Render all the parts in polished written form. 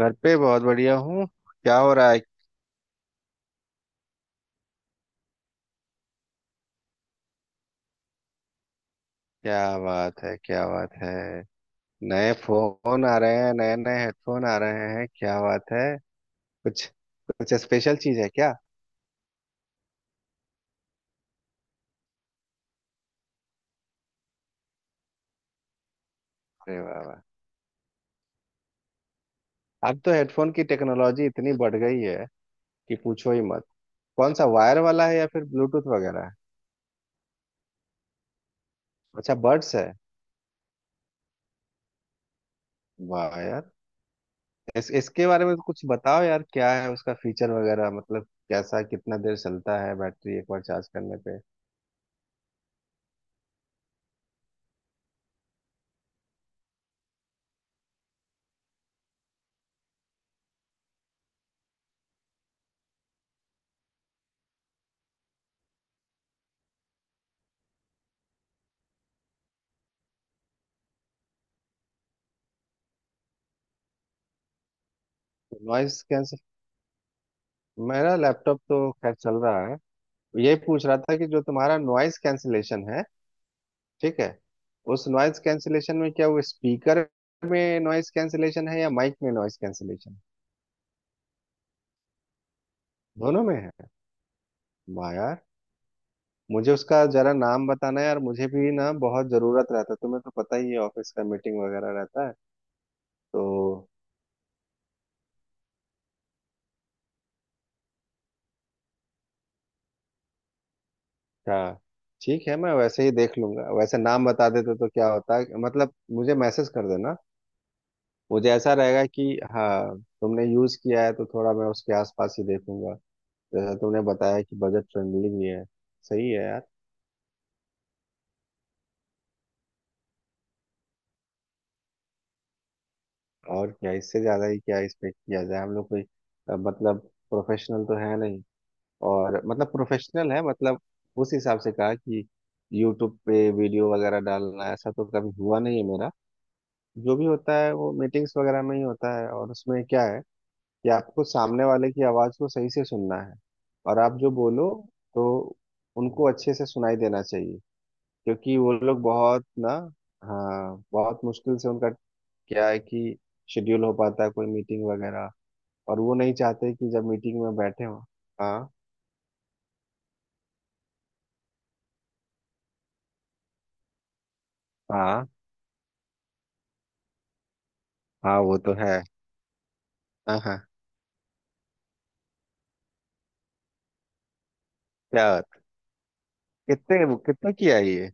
घर पे बहुत बढ़िया हूँ। क्या हो रहा है? क्या बात है, क्या बात है! नए फोन आ रहे हैं, नए नए हेडफोन आ रहे हैं, क्या बात है! कुछ कुछ स्पेशल चीज है क्या? अरे वाह वाह! अब तो हेडफोन की टेक्नोलॉजी इतनी बढ़ गई है कि पूछो ही मत। कौन सा, वायर वाला है या फिर ब्लूटूथ वगैरह है? अच्छा, बड्स है। वाह यार! इसके बारे में कुछ बताओ यार, क्या है उसका फीचर वगैरह, मतलब कैसा, कितना देर चलता है बैटरी एक बार चार्ज करने पे? नॉइस। मेरा लैपटॉप तो खैर चल रहा है। यही पूछ रहा था कि जो तुम्हारा नॉइज कैंसिलेशन है, ठीक है, उस नॉइज कैंसिलेशन में क्या वो स्पीकर में नॉइज कैंसिलेशन है या माइक में नॉइज कैंसिलेशन? दोनों में है? वाह यार! मुझे उसका जरा नाम बताना यार, मुझे भी ना बहुत जरूरत रहता है, तुम्हें तो पता ही है ऑफिस का मीटिंग वगैरह रहता है। तो क्या? ठीक है, मैं वैसे ही देख लूंगा, वैसे नाम बता देते तो क्या होता है, मतलब मुझे मैसेज कर देना। मुझे ऐसा रहेगा कि हाँ तुमने यूज किया है तो थोड़ा मैं उसके आसपास ही देखूंगा। जैसा तुमने बताया कि बजट फ्रेंडली भी है, सही है यार। और क्या, इससे ज्यादा ही क्या एक्सपेक्ट किया जाए, हम लोग कोई मतलब प्रोफेशनल तो है नहीं। और मतलब प्रोफेशनल है मतलब, उस हिसाब से कहा कि यूट्यूब पे वीडियो वगैरह डालना ऐसा तो कभी हुआ नहीं है मेरा। जो भी होता है वो मीटिंग्स वगैरह में ही होता है, और उसमें क्या है कि आपको सामने वाले की आवाज को सही से सुनना है, और आप जो बोलो तो उनको अच्छे से सुनाई देना चाहिए। क्योंकि वो लोग बहुत ना, हाँ, बहुत मुश्किल से उनका, क्या है कि शेड्यूल हो पाता है कोई मीटिंग वगैरह, और वो नहीं चाहते कि जब मीटिंग में बैठे हो। हाँ, हाँ, हाँ, वो तो है। हाँ हाँ, क्या बात। कितने, कितना किया है ये?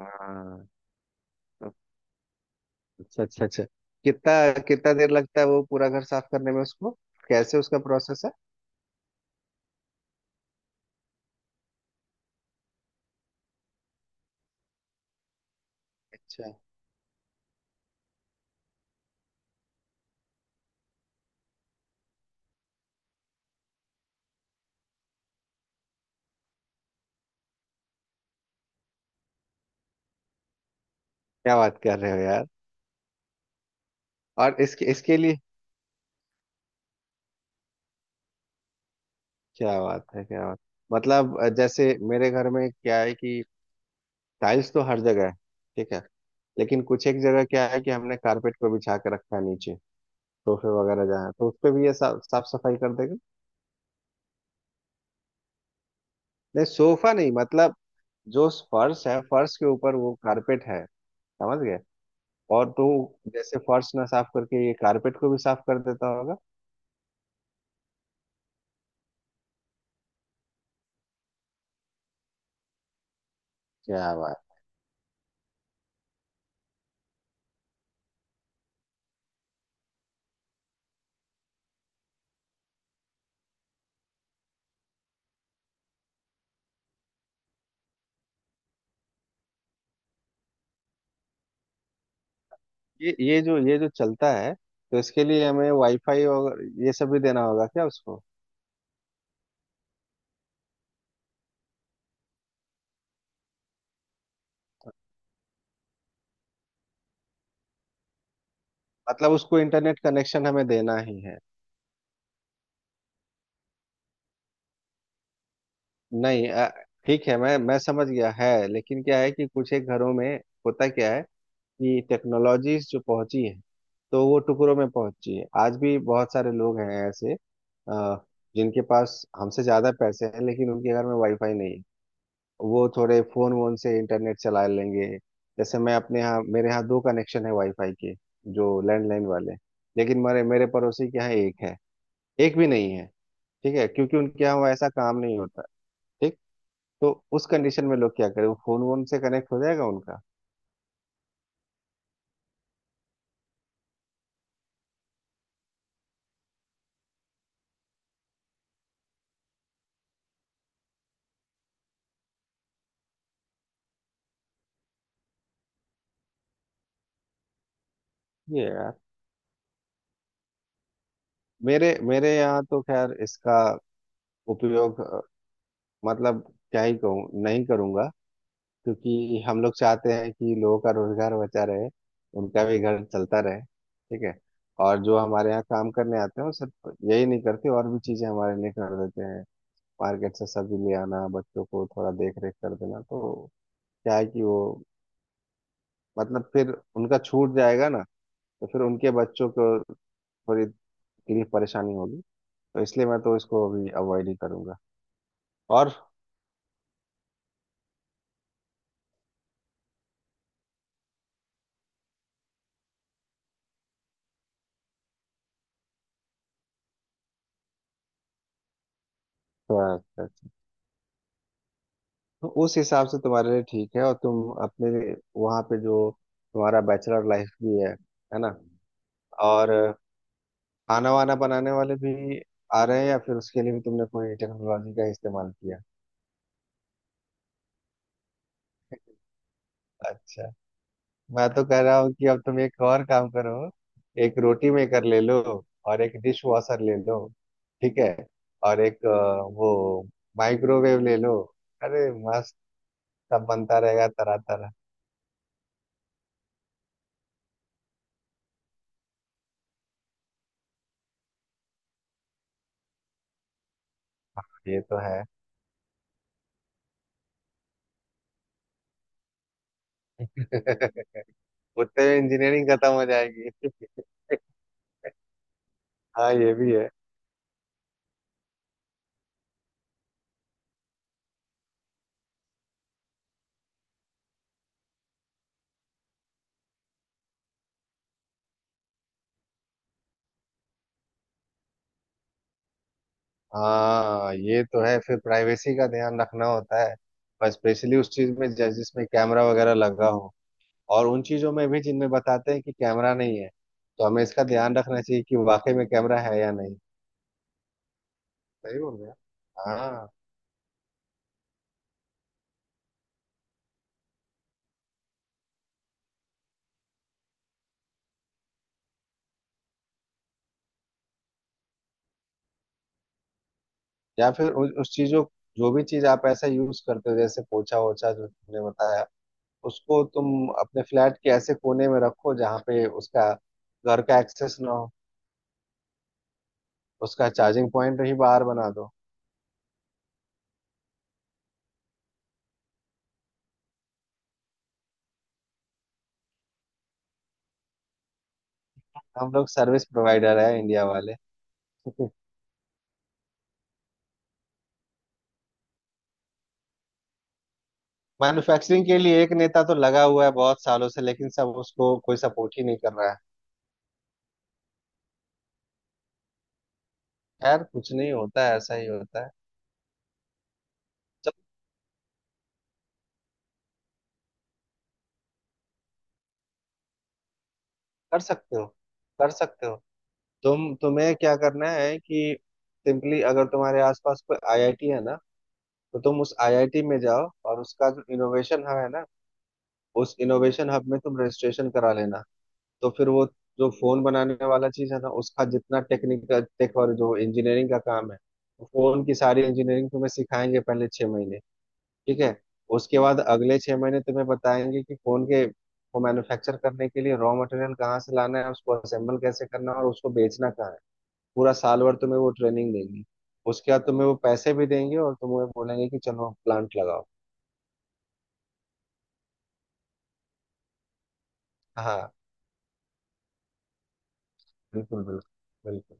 हाँ, अच्छा अच्छा अच्छा। कितना, कितना देर लगता है वो पूरा घर साफ करने में उसको? कैसे उसका प्रोसेस है? अच्छा। क्या बात कर रहे हो यार! और इसके, इसके लिए? क्या बात है, क्या बात! मतलब जैसे मेरे घर में क्या है कि टाइल्स तो हर जगह है, ठीक है। लेकिन कुछ एक जगह क्या है कि हमने कारपेट को बिछा के रखा है नीचे, सोफे वगैरह जहाँ, तो उस पे भी ये साफ साफ सफाई कर देगा? नहीं सोफा नहीं, मतलब जो फर्श है, फर्श के ऊपर वो कारपेट है। समझ गए? और तो जैसे फर्श ना साफ करके ये कारपेट को भी साफ कर देता होगा। क्या बात! ये जो चलता है तो इसके लिए हमें वाईफाई और ये सब भी देना होगा क्या उसको? मतलब उसको इंटरनेट कनेक्शन हमें देना ही है? नहीं ठीक है, मैं समझ गया है, लेकिन क्या है कि कुछ एक घरों में होता क्या है कि टेक्नोलॉजीज जो पहुंची है तो वो टुकड़ों में पहुंची है। आज भी बहुत सारे लोग हैं ऐसे, अ, जिनके पास हमसे ज्यादा पैसे हैं लेकिन उनके घर में वाईफाई नहीं है। वो थोड़े फोन वोन से इंटरनेट चला लेंगे। जैसे मैं अपने यहाँ, मेरे यहाँ दो कनेक्शन है वाईफाई के, जो लैंडलाइन वाले। लेकिन मेरे मेरे पड़ोसी के यहाँ एक है, एक भी नहीं है, ठीक है, क्योंकि उनके यहाँ वो ऐसा काम नहीं होता। ठीक। तो उस कंडीशन में लोग क्या करें, वो फोन वोन से कनेक्ट हो जाएगा उनका। ये है यार। मेरे मेरे यहाँ तो खैर इसका उपयोग मतलब क्या ही कहूँ, नहीं करूँगा, क्योंकि हम लोग चाहते हैं कि लोगों का रोजगार बचा रहे, उनका भी घर चलता रहे, ठीक है। और जो हमारे यहाँ काम करने आते हैं वो सिर्फ यही नहीं करते, और भी चीजें हमारे लिए कर देते हैं। मार्केट से सब्जी ले आना, बच्चों को थोड़ा देख रेख कर देना, तो क्या है कि वो, मतलब फिर उनका छूट जाएगा ना, तो फिर उनके बच्चों को थोड़ी तकलीफ परेशानी होगी। तो इसलिए मैं तो इसको अभी अवॉइड ही करूंगा। और अच्छा, अच्छा, तो उस हिसाब से तुम्हारे लिए ठीक है, और तुम अपने वहां पे जो तुम्हारा बैचलर लाइफ भी है ना, और खाना वाना बनाने वाले भी आ रहे हैं या फिर उसके लिए भी तुमने कोई टेक्नोलॉजी का इस्तेमाल किया? अच्छा। मैं तो कह रहा हूँ कि अब तुम एक और काम करो, एक रोटी मेकर ले लो, और एक डिश वॉशर ले लो, ठीक है, और एक वो माइक्रोवेव ले लो। अरे मस्त! सब बनता रहेगा तरह तरह। ये तो है। उतने में इंजीनियरिंग खत्म हो जाएगी। हाँ, ये भी है। हाँ, ये तो है, फिर प्राइवेसी का ध्यान रखना होता है, पर स्पेशली उस चीज में जैसे जिसमें कैमरा वगैरह लगा हो। और उन चीजों में भी जिनमें बताते हैं कि कैमरा नहीं है, तो हमें इसका ध्यान रखना चाहिए कि वाकई में कैमरा है या नहीं। सही बोल रहे हैं। हाँ, या फिर उस चीजों, जो भी चीज आप ऐसा यूज करते हो, जैसे पोछा ओछा जो तुमने बताया, उसको तुम अपने फ्लैट के ऐसे कोने में रखो जहाँ पे उसका घर का एक्सेस ना हो। उसका चार्जिंग पॉइंट ही बाहर बना दो। हम लोग सर्विस प्रोवाइडर है इंडिया वाले। मैन्युफैक्चरिंग के लिए एक नेता तो लगा हुआ है बहुत सालों से, लेकिन सब उसको, कोई सपोर्ट ही नहीं कर रहा है। खैर, कुछ नहीं होता है, ऐसा ही होता है। जब कर सकते हो, कर सकते हो। तुम्हें क्या करना है कि सिंपली अगर तुम्हारे आसपास कोई आईआईटी है ना, तो तुम उस आईआईटी में जाओ, और उसका जो इनोवेशन हब है ना, उस इनोवेशन हब में तुम रजिस्ट्रेशन करा लेना। तो फिर वो जो फोन बनाने वाला चीज है ना, उसका जितना टेक्निकल टेक और जो इंजीनियरिंग का काम है, फोन की सारी इंजीनियरिंग तुम्हें सिखाएंगे पहले 6 महीने, ठीक है। उसके बाद अगले 6 महीने तुम्हें बताएंगे कि फोन के को मैन्युफैक्चर करने के लिए रॉ मटेरियल कहाँ से लाना है, उसको असेंबल कैसे करना है, और उसको बेचना कहाँ है। पूरा साल भर तुम्हें वो ट्रेनिंग देंगे। उसके बाद तुम्हें वो पैसे भी देंगे और तुम्हें बोलेंगे कि चलो प्लांट लगाओ। हाँ, बिल्कुल बिल्कुल बिल्कुल।